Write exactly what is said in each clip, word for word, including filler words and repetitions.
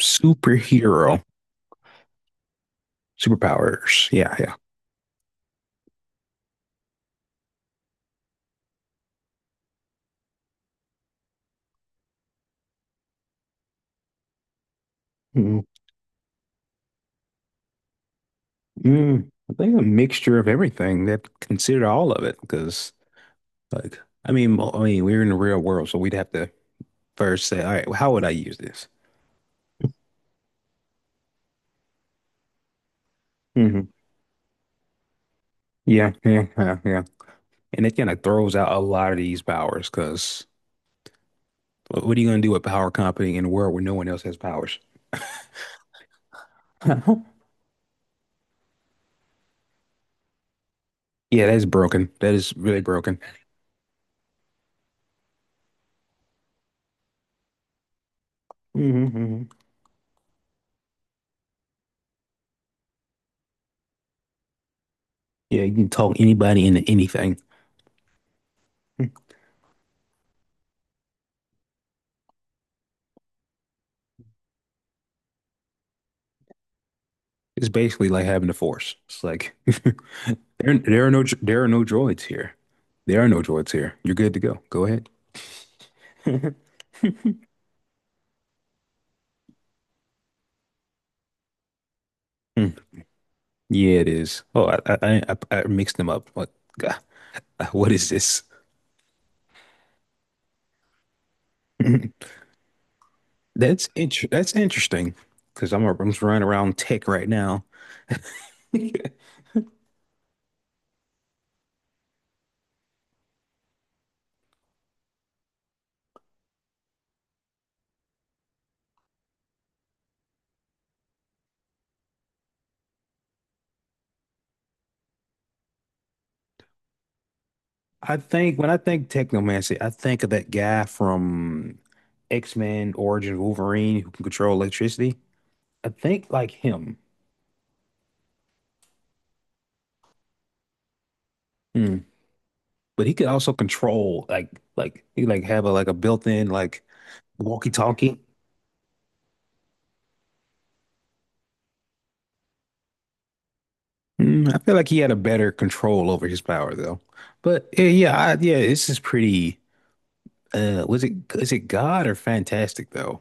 Superhero superpowers. Yeah, yeah. mm Mm. I think a mixture of everything that consider all of it because like I mean mo- I mean we're in the real world so we'd have to first say all right, well, how would I use this? hmm Yeah, yeah, yeah, yeah. And it kind of throws out a lot of these powers because what are you going to do with power company in a world where no one else has powers? Yeah, that's broken. That is really broken. hmm hmm Yeah, you can talk anybody into anything. It's basically like having the force. It's like There, there are no, there are no droids here. There are no droids here. You're good to go. Go ahead. Hmm. Yeah, it is. Oh, I, I, I, I mixed them up. What, God, what is this? That's inter that's interesting because I'm, I'm just running around tech right now. I think when I think technomancy, I think of that guy from X-Men Origins Wolverine who can control electricity. I think like him. Hmm. But he could also control like like he like have a like a built-in like walkie-talkie. Mm, I feel like he had a better control over his power though. But yeah, yeah, I, yeah, this is pretty uh was it is it God or fantastic though?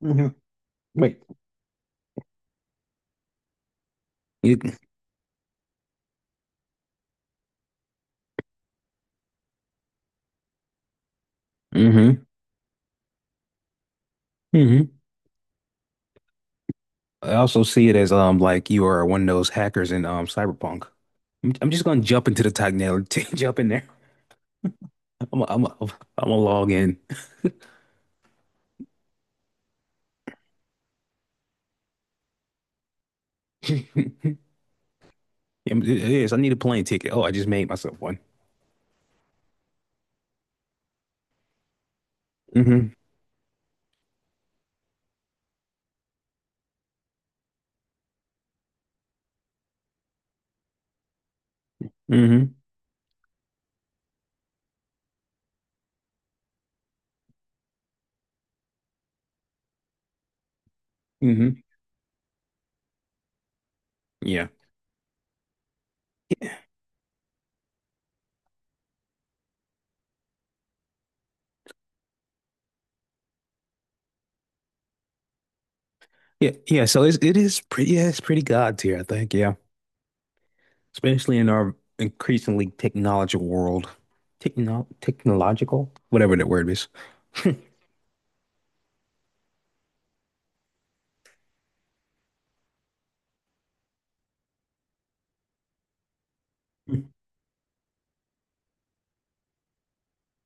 hmm Wait. You, hmm hmm I also see it as um like you are one of those hackers in um Cyberpunk. I'm, I'm just gonna jump into the Tignelli, jump in there. I'm a, I'm a, I'm gonna log in. Yes, I need a plane ticket. Oh, I just made myself one. hmm hmm hmm Yeah. Yeah, yeah. So it's, it is pretty. Yeah, it's pretty God tier, I think. Yeah, especially in our increasingly technological world, techno technological, whatever that word is.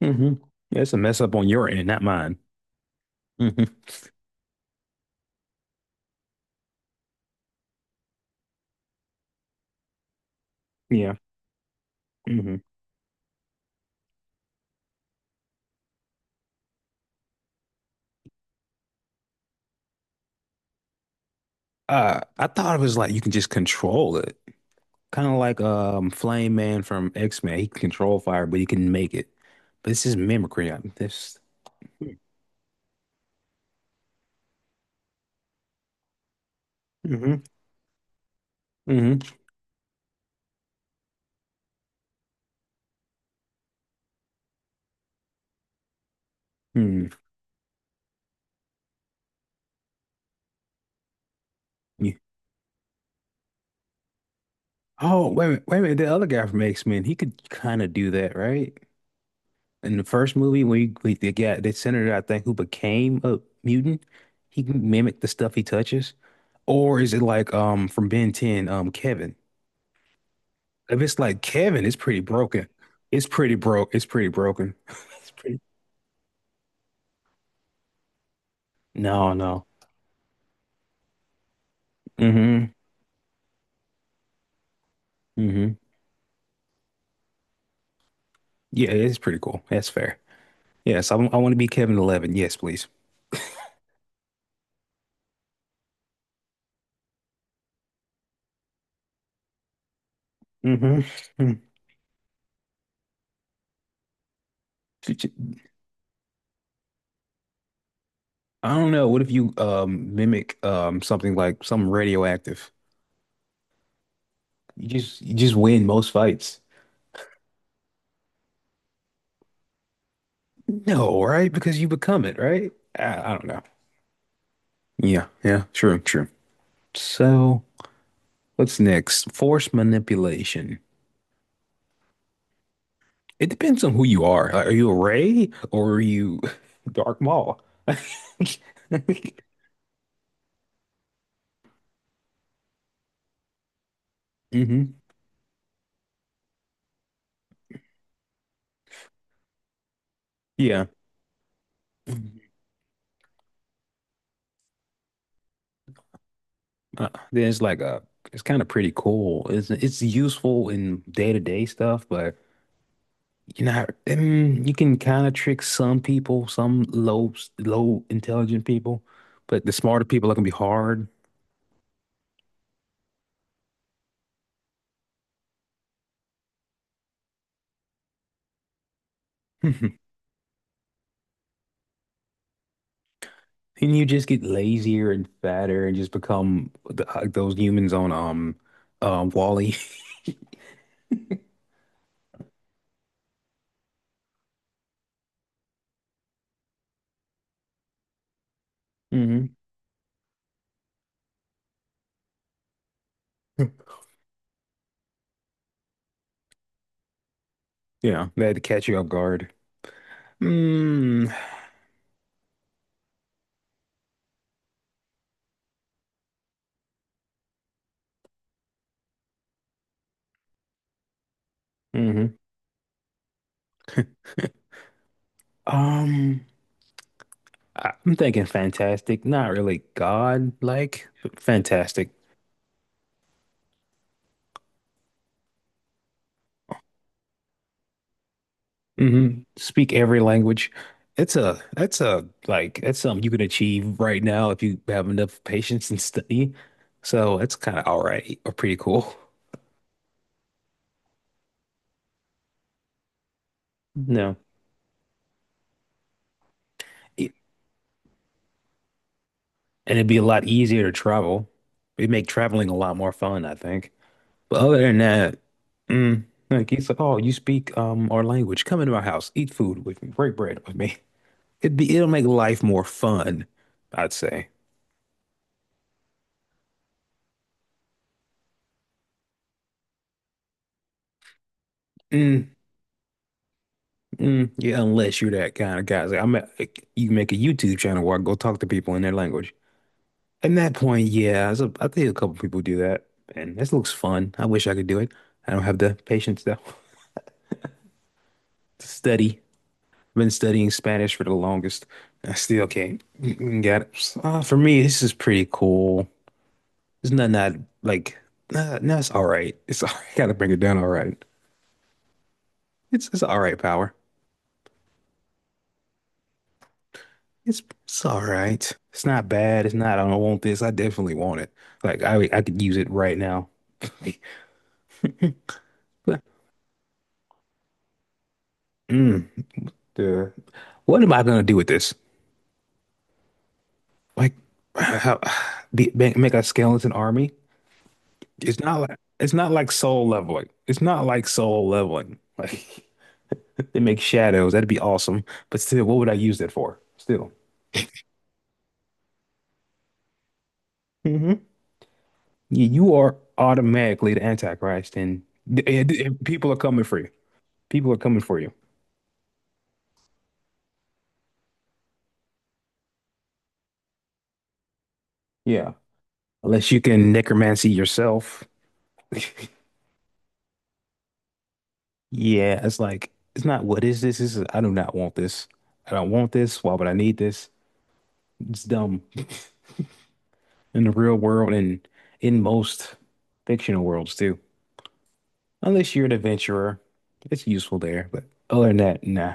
Mm-hmm. Yeah, it's a mess up on your end, not mine. hmm Yeah. hmm Uh, I thought it was like you can just control it, kind of like um Flame Man from X-Men. He can control fire, but he can make it. But it's just mimicry. I This. hmm hmm Mm. Yeah. Oh, wait a minute, wait a minute. The other guy from X-Men, he could kind of do that, right? In the first movie, we we the guy, the senator, I think, who became a mutant, he can mimic the stuff he touches. Or is it like um from Ben ten, um Kevin? If it's like Kevin, it's pretty broken. It's pretty broke. It's pretty broken. It's pretty. No, no. Mm-hmm. Mm-hmm. Yeah, it's pretty cool. That's fair. Yes, I, I want to be Kevin eleven. Yes, please. Mm-hmm. I don't know. What if you um mimic um something like something radioactive? You just you just win most fights. No, right? Because you become it, right? I, I don't know. Yeah, yeah, true, true. So, what's next? Force manipulation. It depends on who you are. Like, are you a Rey or are you Dark Maul? hmm Yeah. Uh, then it's like a, it's kind of pretty cool. It's it's useful in day-to-day stuff, but you know, mm, you can kind of trick some people, some low low intelligent people, but the smarter people are gonna be hard. And you just get lazier and fatter and just become th- like those humans on um um Wall-E. hmm Yeah, they had to catch you off guard. Mm. hmm Um, I- I'm thinking fantastic, not really God-like, but fantastic. hmm Speak every language. It's a that's a like that's something you can achieve right now if you have enough patience and study. So it's kind of all right or pretty cool. No. And it'd be a lot easier to travel. It'd make traveling a lot more fun, I think. But other than that, mm, like he's like, oh, you speak um our language. Come into my house, eat food with me, break bread with me. It'd be it'll make life more fun, I'd say. Mm, mm, yeah, unless you're that kind of guy. It's like, I'm a- you can make a YouTube channel where I go talk to people in their language. At that point, yeah, it's a- I think a couple people do that, and this looks fun. I wish I could do it. I don't have the patience though to study. I've been studying Spanish for the longest. I still can't get it. Uh, for me, this is pretty cool. It's not not like uh, no, it's all right. It's all right. Gotta bring it down. All right. It's it's all right, power. It's it's all right. It's not bad. It's not. I don't want this. I definitely want it. Like I I could use it right now. Like, but, mm, the, what am I gonna do with this? Like how, be, make make a skeleton army? It's not like it's not like soul leveling. It's not like soul leveling. Like they make shadows. That'd be awesome. But still, what would I use that for? Still, hmm you, you are automatically the Antichrist, and, and, and people are coming for you. People are coming for you. Yeah. Unless you can necromancy yourself. Yeah, it's like it's not what is this? This is I do not want this. I don't want this. Why would I need this? It's dumb in the real world and in most fictional worlds too. Unless you're an adventurer, it's useful there. But other than that, nah.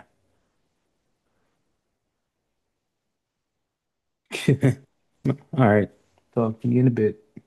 All right. Talk to you in a bit.